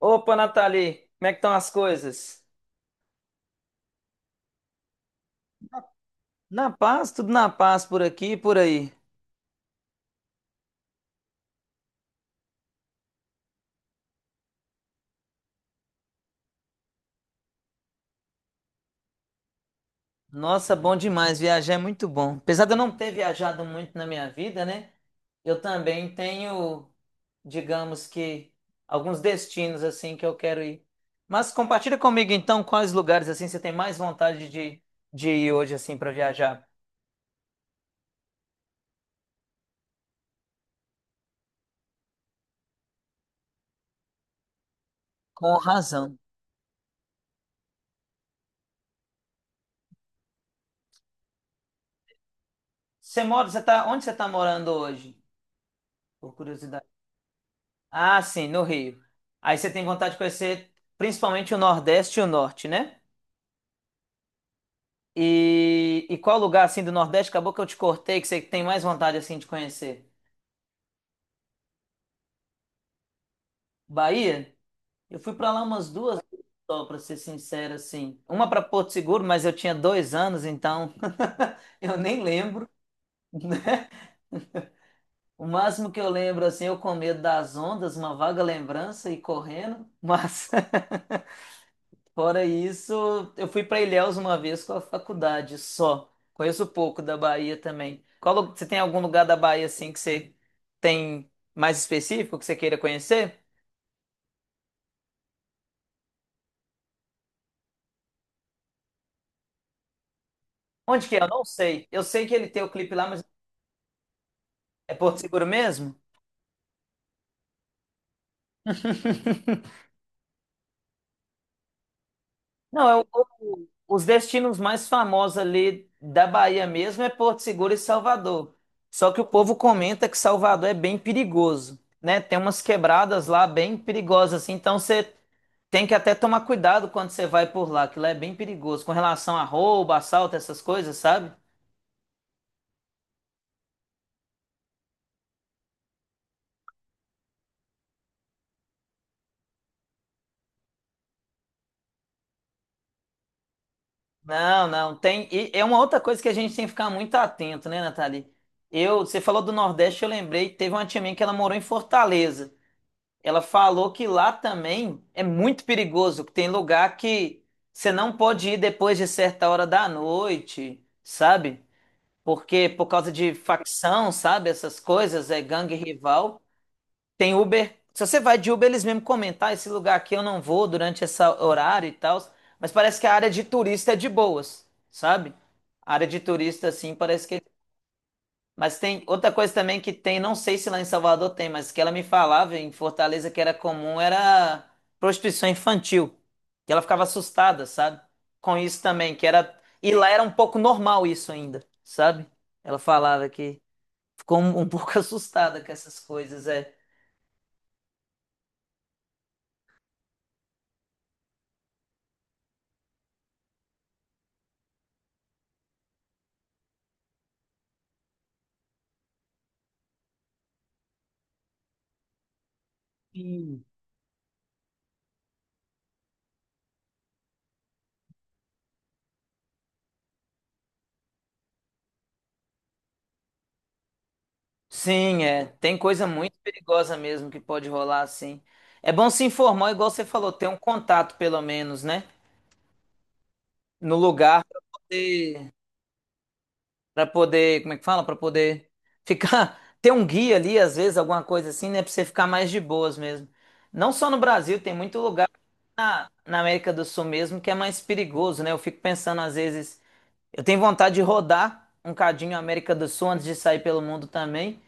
Opa, Nathalie, como é que estão as coisas? Na paz, tudo na paz por aqui e por aí. Nossa, bom demais, viajar é muito bom. Apesar de eu não ter viajado muito na minha vida, né? Eu também tenho, digamos que, alguns destinos assim que eu quero ir. Mas compartilha comigo então quais lugares assim você tem mais vontade de ir hoje assim para viajar. Com razão. Você mora, você tá, onde você está morando hoje? Por curiosidade. Ah, sim, no Rio. Aí você tem vontade de conhecer principalmente o Nordeste e o Norte, né? E qual lugar assim do Nordeste acabou que eu te cortei que você tem mais vontade assim de conhecer? Bahia? Eu fui pra lá umas duas vezes só, para ser sincero assim. Uma pra Porto Seguro, mas eu tinha dois anos, então eu nem lembro. O máximo que eu lembro assim, eu com medo das ondas, uma vaga lembrança e correndo, mas fora isso, eu fui para Ilhéus uma vez com a faculdade só. Conheço pouco da Bahia também. Qual, você tem algum lugar da Bahia assim que você tem mais específico que você queira conhecer? Onde que é? Eu não sei. Eu sei que ele tem o clipe lá, mas é Porto Seguro mesmo? Não, os destinos mais famosos ali da Bahia mesmo é Porto Seguro e Salvador. Só que o povo comenta que Salvador é bem perigoso, né? Tem umas quebradas lá bem perigosas, assim, então você tem que até tomar cuidado quando você vai por lá, que lá é bem perigoso com relação a roubo, assalto, essas coisas, sabe? Não, não, tem. E é uma outra coisa que a gente tem que ficar muito atento, né, Nathalie? Eu, você falou do Nordeste, eu lembrei, teve uma tia minha que ela morou em Fortaleza. Ela falou que lá também é muito perigoso, que tem lugar que você não pode ir depois de certa hora da noite, sabe? Porque por causa de facção, sabe? Essas coisas, é gangue rival. Tem Uber. Se você vai de Uber, eles mesmo comentam: "Ah, esse lugar aqui eu não vou durante esse horário e tal." Mas parece que a área de turista é de boas, sabe? A área de turista, assim, parece que é mas tem outra coisa também que tem, não sei se lá em Salvador tem, mas que ela me falava em Fortaleza que era comum era prostituição infantil. Que ela ficava assustada, sabe? Com isso também, que era. E lá era um pouco normal isso ainda, sabe? Ela falava que ficou um pouco assustada com essas coisas, é. Sim. Sim, é. Tem coisa muito perigosa mesmo que pode rolar assim. É bom se informar, igual você falou, ter um contato pelo menos, né? No lugar para poder. Pra poder, como é que fala? Pra poder ficar, ter um guia ali, às vezes, alguma coisa assim, né? Pra você ficar mais de boas mesmo. Não só no Brasil, tem muito lugar na América do Sul mesmo que é mais perigoso, né? Eu fico pensando, às vezes, eu tenho vontade de rodar um cadinho a América do Sul antes de sair pelo mundo também.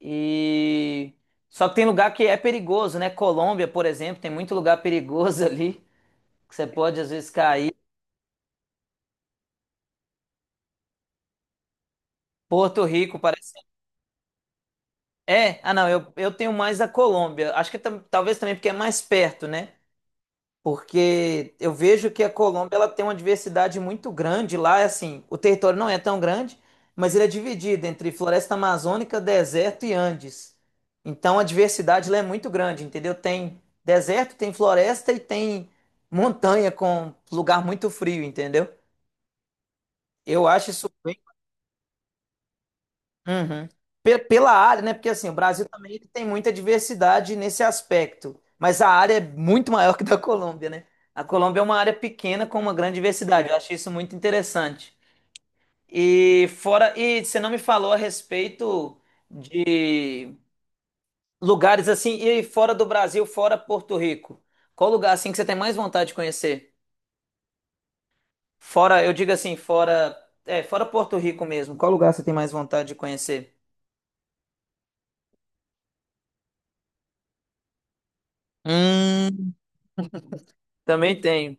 E só que tem lugar que é perigoso, né? Colômbia, por exemplo, tem muito lugar perigoso ali que você pode às vezes cair. Porto Rico parece é, ah não, eu tenho mais a Colômbia. Acho que talvez também porque é mais perto, né? Porque eu vejo que a Colômbia ela tem uma diversidade muito grande lá, assim, o território não é tão grande, mas ele é dividido entre floresta amazônica, deserto e Andes. Então a diversidade lá é muito grande, entendeu? Tem deserto, tem floresta e tem montanha com lugar muito frio, entendeu? Eu acho isso uhum. Pela área, né? Porque assim, o Brasil também ele tem muita diversidade nesse aspecto, mas a área é muito maior que a da Colômbia, né? A Colômbia é uma área pequena com uma grande diversidade. Eu achei isso muito interessante. E fora, e você não me falou a respeito de lugares assim, e fora do Brasil, fora Porto Rico. Qual lugar assim que você tem mais vontade de conhecer? Fora, eu digo assim, fora, é, fora Porto Rico mesmo. Qual lugar você tem mais vontade de conhecer? Hum, também tenho.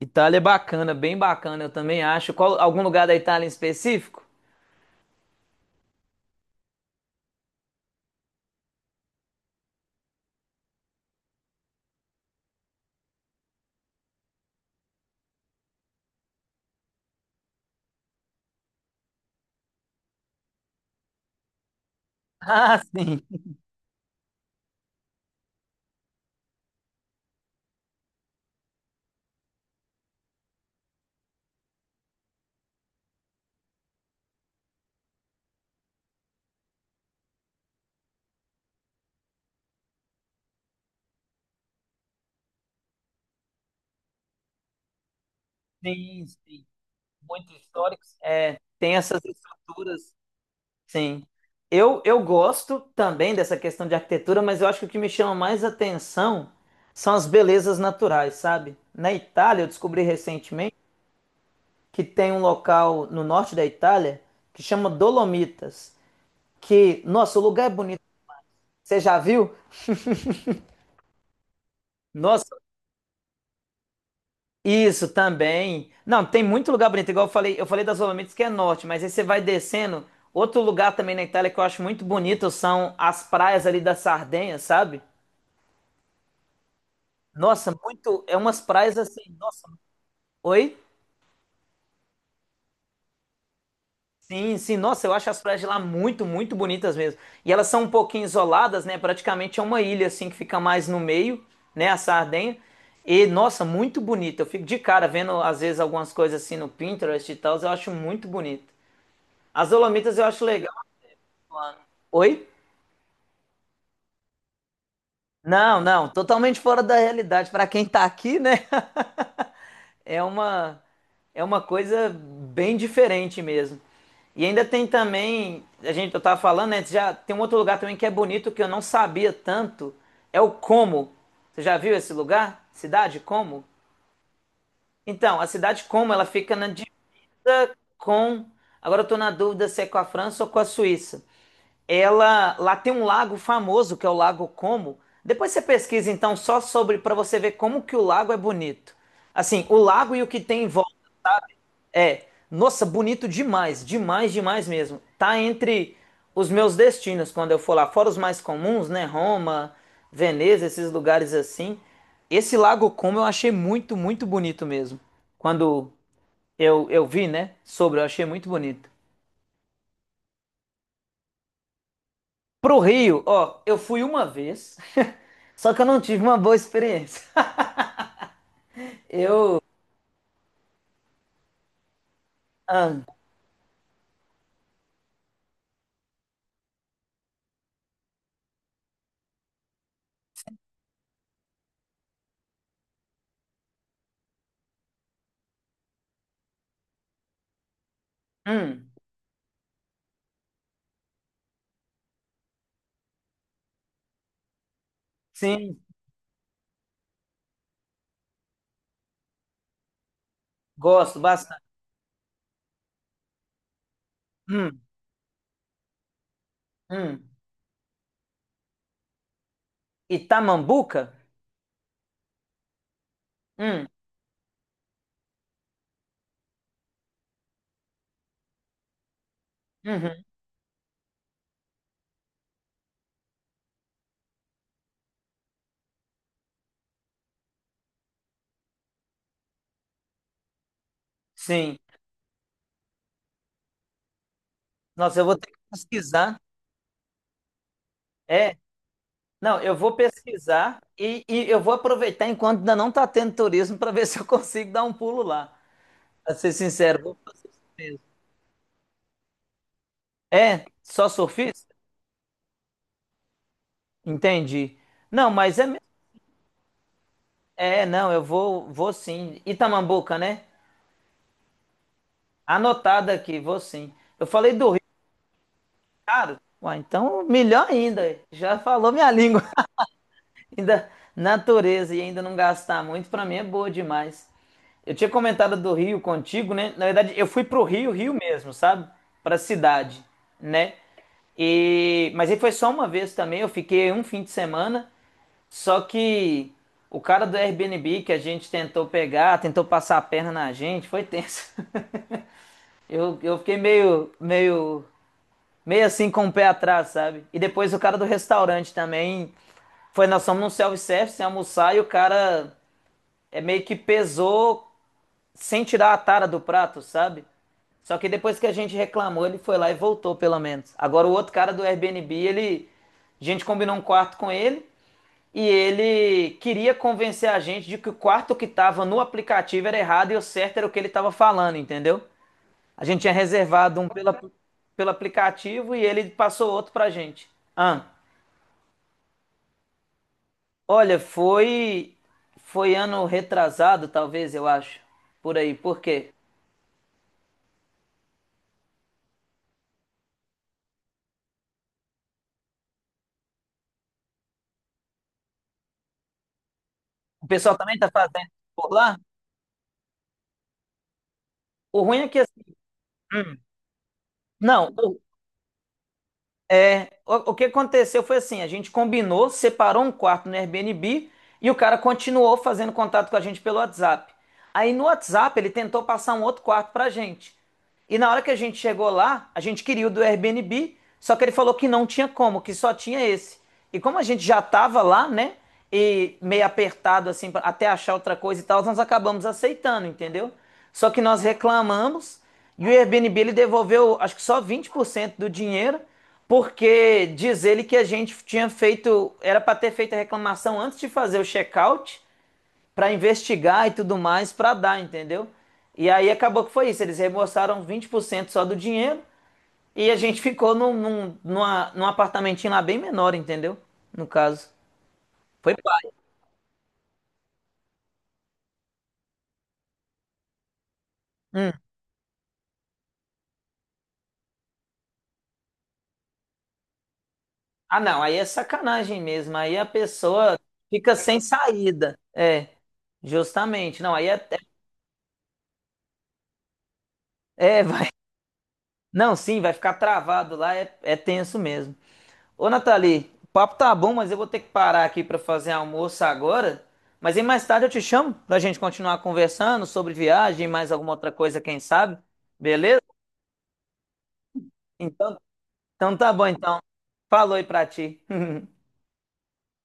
Itália é bacana, bem bacana, eu também acho. Qual, algum lugar da Itália em específico? Ah, sim, sim, sim. Muito históricos. É, tem essas estruturas, sim. Eu gosto também dessa questão de arquitetura, mas eu acho que o que me chama mais atenção são as belezas naturais, sabe? Na Itália, eu descobri recentemente que tem um local no norte da Itália que chama Dolomitas, que, nossa, o lugar é bonito. Você já viu? Nossa, isso também. Não, tem muito lugar bonito, igual eu falei das Dolomitas que é norte, mas aí você vai descendo. Outro lugar também na Itália que eu acho muito bonito são as praias ali da Sardenha, sabe? Nossa, muito, é umas praias assim, nossa. Oi? Sim, sim, nossa, eu acho as praias de lá muito, muito bonitas mesmo. E elas são um pouquinho isoladas, né? Praticamente é uma ilha assim que fica mais no meio, né, a Sardenha. E nossa, muito bonito. Eu fico de cara vendo às vezes algumas coisas assim no Pinterest e tal, eu acho muito bonito. As Dolomitas eu acho legal. Oi? Não, não, totalmente fora da realidade. Para quem tá aqui, né? É uma é uma coisa bem diferente mesmo. E ainda tem também, a gente eu tava falando, né, já tem um outro lugar também que é bonito que eu não sabia tanto, é o Como. Você já viu esse lugar? Cidade Como? Então, a cidade Como, ela fica na dívida com, agora eu tô na dúvida se é com a França ou com a Suíça. Ela lá tem um lago famoso que é o Lago Como. Depois você pesquisa então só sobre para você ver como que o lago é bonito. Assim, o lago e o que tem em volta é, nossa, bonito demais, demais, demais mesmo. Tá entre os meus destinos quando eu for lá, fora os mais comuns, né? Roma, Veneza, esses lugares assim. Esse Lago Como eu achei muito, muito bonito mesmo. Quando eu vi, né, sobre, eu achei muito bonito. Pro Rio, ó, eu fui uma vez, só que eu não tive uma boa experiência. Ah, hum, sim, gosto bastante. Hum, hum. Itamambuca? Hum, uhum, sim. Nossa, eu vou ter que pesquisar. É, não, eu vou pesquisar e eu vou aproveitar enquanto ainda não tá tendo turismo para ver se eu consigo dar um pulo lá. Pra ser sincero, vou fazer isso mesmo. É, só surfista? Entendi. Não, mas é, é, não, eu vou, vou sim. Itamambuca, né? Anotado aqui, vou sim. Eu falei do Rio, cara. Ué, então, melhor ainda. Já falou minha língua. Ainda natureza e ainda não gastar muito, pra mim é boa demais. Eu tinha comentado do Rio contigo, né? Na verdade, eu fui pro Rio, Rio mesmo, sabe? Pra cidade, né? E mas aí foi só uma vez também, eu fiquei um fim de semana, só que o cara do Airbnb que a gente tentou pegar, tentou passar a perna na gente, foi tenso. Eu fiquei meio, meio meio assim com o pé atrás, sabe? E depois o cara do restaurante também. Foi, nós fomos num self-service sem almoçar e o cara é meio que pesou sem tirar a tara do prato, sabe? Só que depois que a gente reclamou, ele foi lá e voltou, pelo menos. Agora o outro cara do Airbnb, ele. A gente combinou um quarto com ele e ele queria convencer a gente de que o quarto que tava no aplicativo era errado e o certo era o que ele tava falando, entendeu? A gente tinha reservado um pela, pelo aplicativo e ele passou outro pra gente. Ah, olha, foi foi ano retrasado, talvez, eu acho. Por aí. Por quê? O pessoal também tá fazendo por lá? O ruim é que assim, hum, não, é, o que aconteceu foi assim, a gente combinou, separou um quarto no Airbnb e o cara continuou fazendo contato com a gente pelo WhatsApp. Aí no WhatsApp ele tentou passar um outro quarto pra gente. E na hora que a gente chegou lá, a gente queria o do Airbnb, só que ele falou que não tinha como, que só tinha esse. E como a gente já estava lá, né? E meio apertado, assim, até achar outra coisa e tal, nós acabamos aceitando, entendeu? Só que nós reclamamos e o Airbnb ele devolveu, acho que só 20% do dinheiro, porque diz ele que a gente tinha feito, era para ter feito a reclamação antes de fazer o check-out, para investigar e tudo mais, para dar, entendeu? E aí acabou que foi isso, eles reembolsaram 20% só do dinheiro e a gente ficou num apartamentinho lá bem menor, entendeu? No caso. Foi pai. Hum. Ah, não, aí é sacanagem mesmo. Aí a pessoa fica sem saída. É, justamente. Não, aí é. É, é, vai. Não, sim, vai ficar travado lá, é, é tenso mesmo. Ô, Nathalie, o papo tá bom, mas eu vou ter que parar aqui pra fazer almoço agora. Mas aí mais tarde eu te chamo pra gente continuar conversando sobre viagem, mais alguma outra coisa, quem sabe? Beleza? Então Então tá bom, então. Falou aí pra ti.